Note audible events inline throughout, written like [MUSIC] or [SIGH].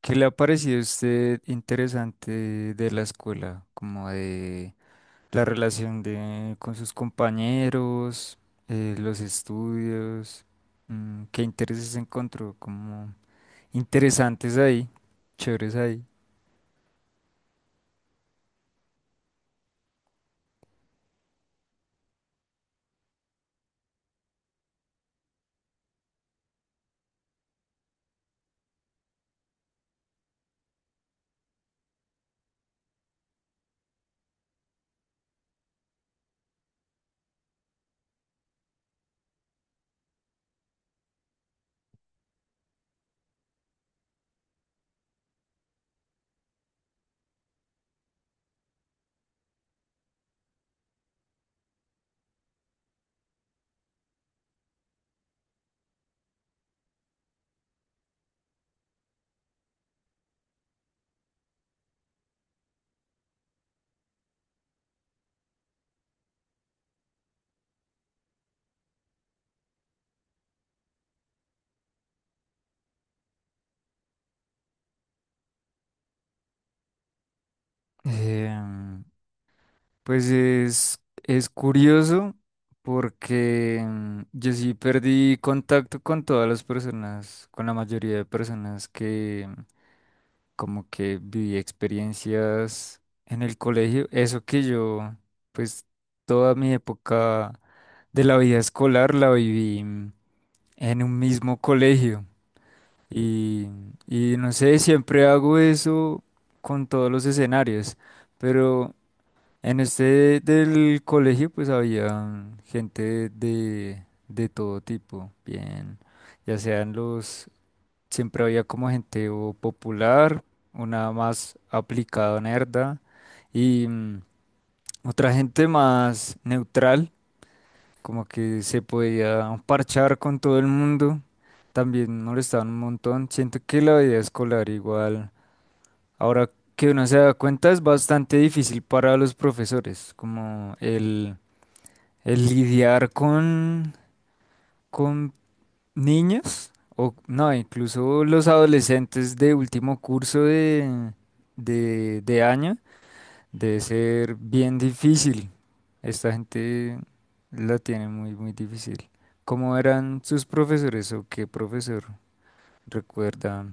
¿Qué le ha parecido a usted interesante de la escuela? Como de la relación con sus compañeros, los estudios, qué intereses encontró como interesantes ahí, chéveres ahí. Em, pues es curioso porque yo sí perdí contacto con todas las personas, con la mayoría de personas como que viví experiencias en el colegio, eso que yo, pues toda mi época de la vida escolar la viví en un mismo colegio y, y no sé, siempre hago eso con todos los escenarios, pero en este del colegio pues había gente de todo tipo, bien, ya sean los... Siempre había como gente o popular, una más aplicada, nerda, y otra gente más neutral, como que se podía parchar con todo el mundo. También molestaban un montón. Siento que la vida escolar igual, ahora que uno se da cuenta, es bastante difícil para los profesores, como el lidiar con niños o no, incluso los adolescentes de último curso de año, debe ser bien difícil. Esta gente la tiene muy, muy difícil. ¿Cómo eran sus profesores o qué profesor recuerda?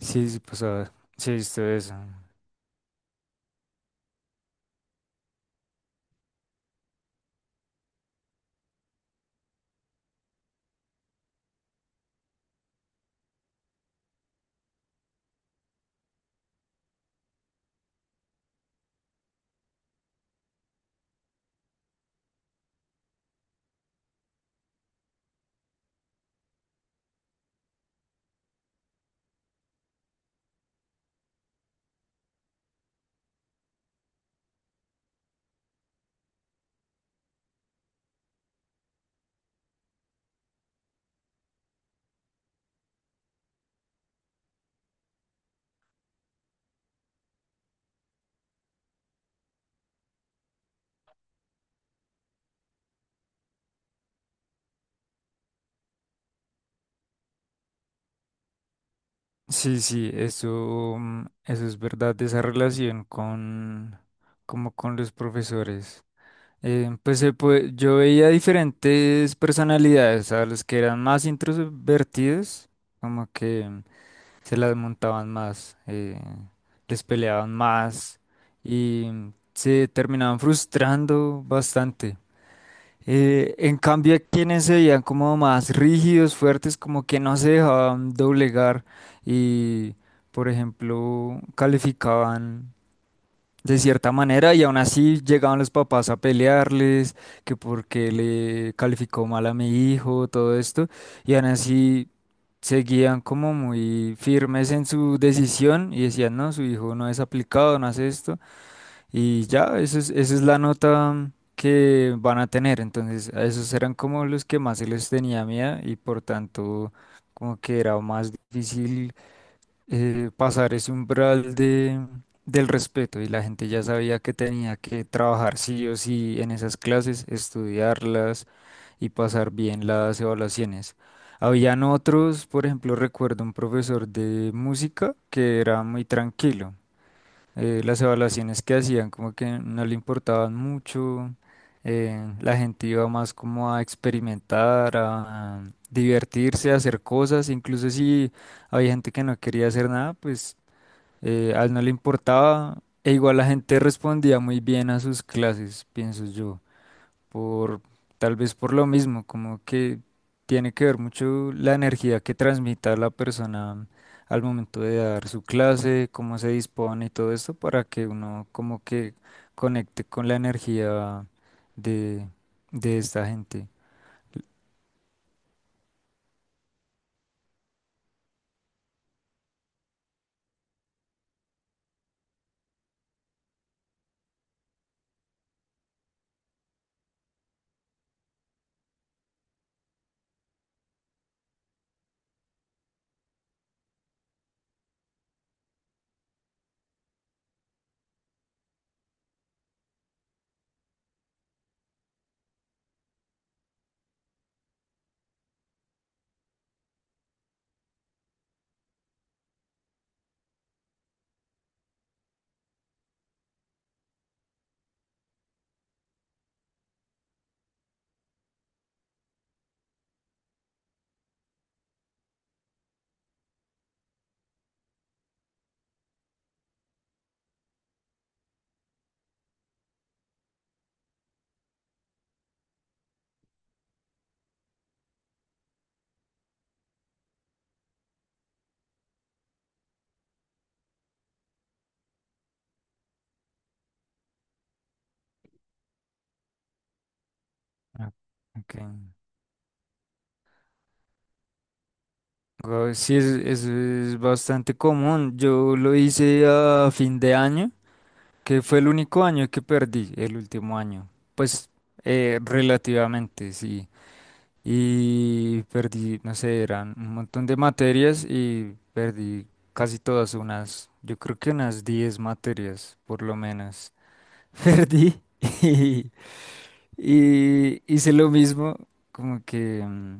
Sí, sí, pues, ah, sí, esto es. Sí, sí, eso, eso es verdad, esa relación como con los profesores. Pues, yo veía diferentes personalidades, a los que eran más introvertidos, como que se las montaban más, les peleaban más y se terminaban frustrando bastante. En cambio, a quienes se veían como más rígidos, fuertes, como que no se dejaban doblegar y, por ejemplo, calificaban de cierta manera y aún así llegaban los papás a pelearles, que porque le calificó mal a mi hijo, todo esto, y aún así seguían como muy firmes en su decisión y decían, no, su hijo no es aplicado, no hace esto, y ya, eso esa es la nota que van a tener, entonces a esos eran como los que más se les tenía miedo y por tanto como que era más difícil pasar ese umbral de, del respeto y la gente ya sabía que tenía que trabajar sí o sí en esas clases, estudiarlas y pasar bien las evaluaciones. Habían otros, por ejemplo, recuerdo un profesor de música que era muy tranquilo, las evaluaciones que hacían como que no le importaban mucho, la gente iba más como a experimentar, a divertirse, a hacer cosas, incluso si había gente que no quería hacer nada, pues a él no le importaba, e igual la gente respondía muy bien a sus clases, pienso yo por tal vez por lo mismo, como que tiene que ver mucho la energía que transmita la persona al momento de dar su clase, cómo se dispone y todo esto para que uno como que conecte con la energía de, de esta gente. Ah, ok. Guau, sí, es bastante común. Yo lo hice a fin de año, que fue el único año que perdí, el último año. Pues relativamente, sí. Y perdí, no sé, eran un montón de materias y perdí casi todas, unas, yo creo que unas 10 materias, por lo menos. [LAUGHS] Perdí y, y hice lo mismo, como que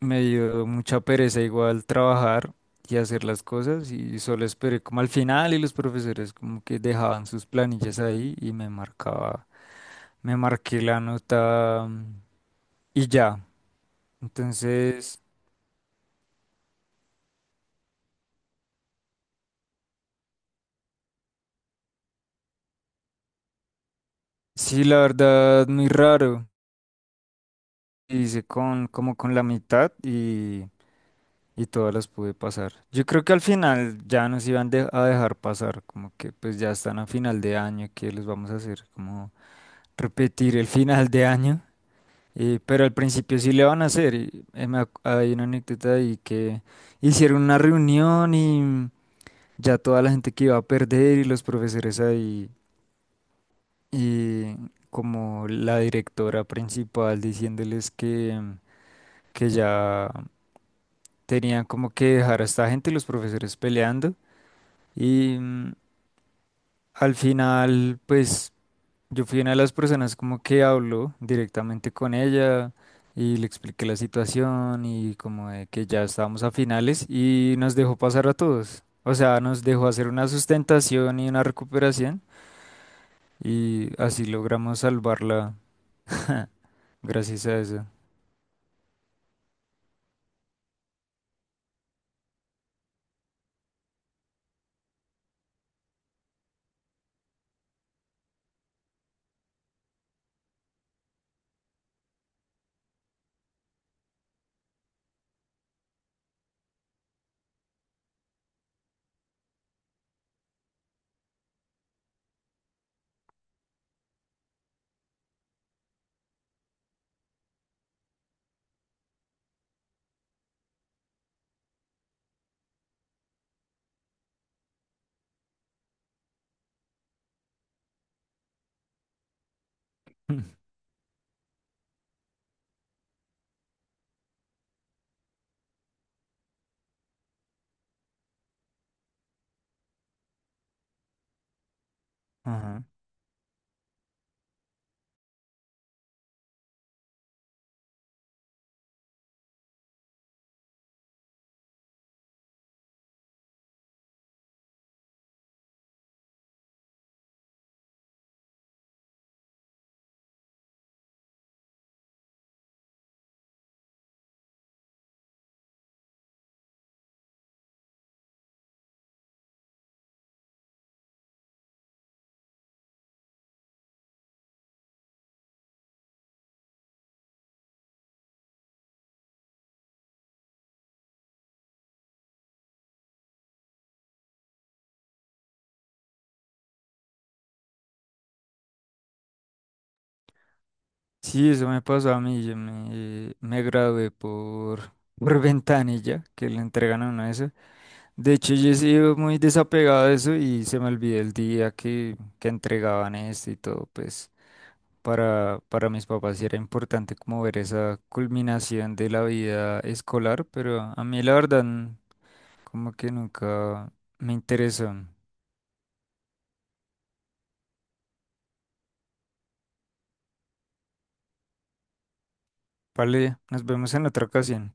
me dio mucha pereza igual trabajar y hacer las cosas y solo esperé como al final y los profesores como que dejaban sus planillas ahí y me marcaba, me marqué la nota, y ya. Entonces... Sí, la verdad, muy raro. Hice con, como con la mitad y todas las pude pasar. Yo creo que al final ya nos iban a dejar pasar, como que pues ya están a final de año, ¿qué les vamos a hacer? Como repetir el final de año. Pero al principio sí le van a hacer. Y, hay una anécdota ahí que hicieron una reunión y ya toda la gente que iba a perder y los profesores ahí y como la directora principal diciéndoles que... Que ya tenían como que dejar a esta gente, los profesores peleando. Y al final, pues yo fui una de las personas como que habló directamente con ella y le expliqué la situación y como de que ya estábamos a finales y nos dejó pasar a todos. O sea, nos dejó hacer una sustentación y una recuperación y así logramos salvarla [LAUGHS] gracias a eso. [LAUGHS] Ajá. Sí, eso me pasó a mí. Yo me gradué por, [LAUGHS] por ventanilla, que le entregan a uno eso. De hecho, yo he sido muy desapegado de eso y se me olvidó el día que entregaban esto y todo. Pues para mis papás sí era importante como ver esa culminación de la vida escolar, pero a mí la verdad como que nunca me interesó. Vale, nos vemos en otra ocasión.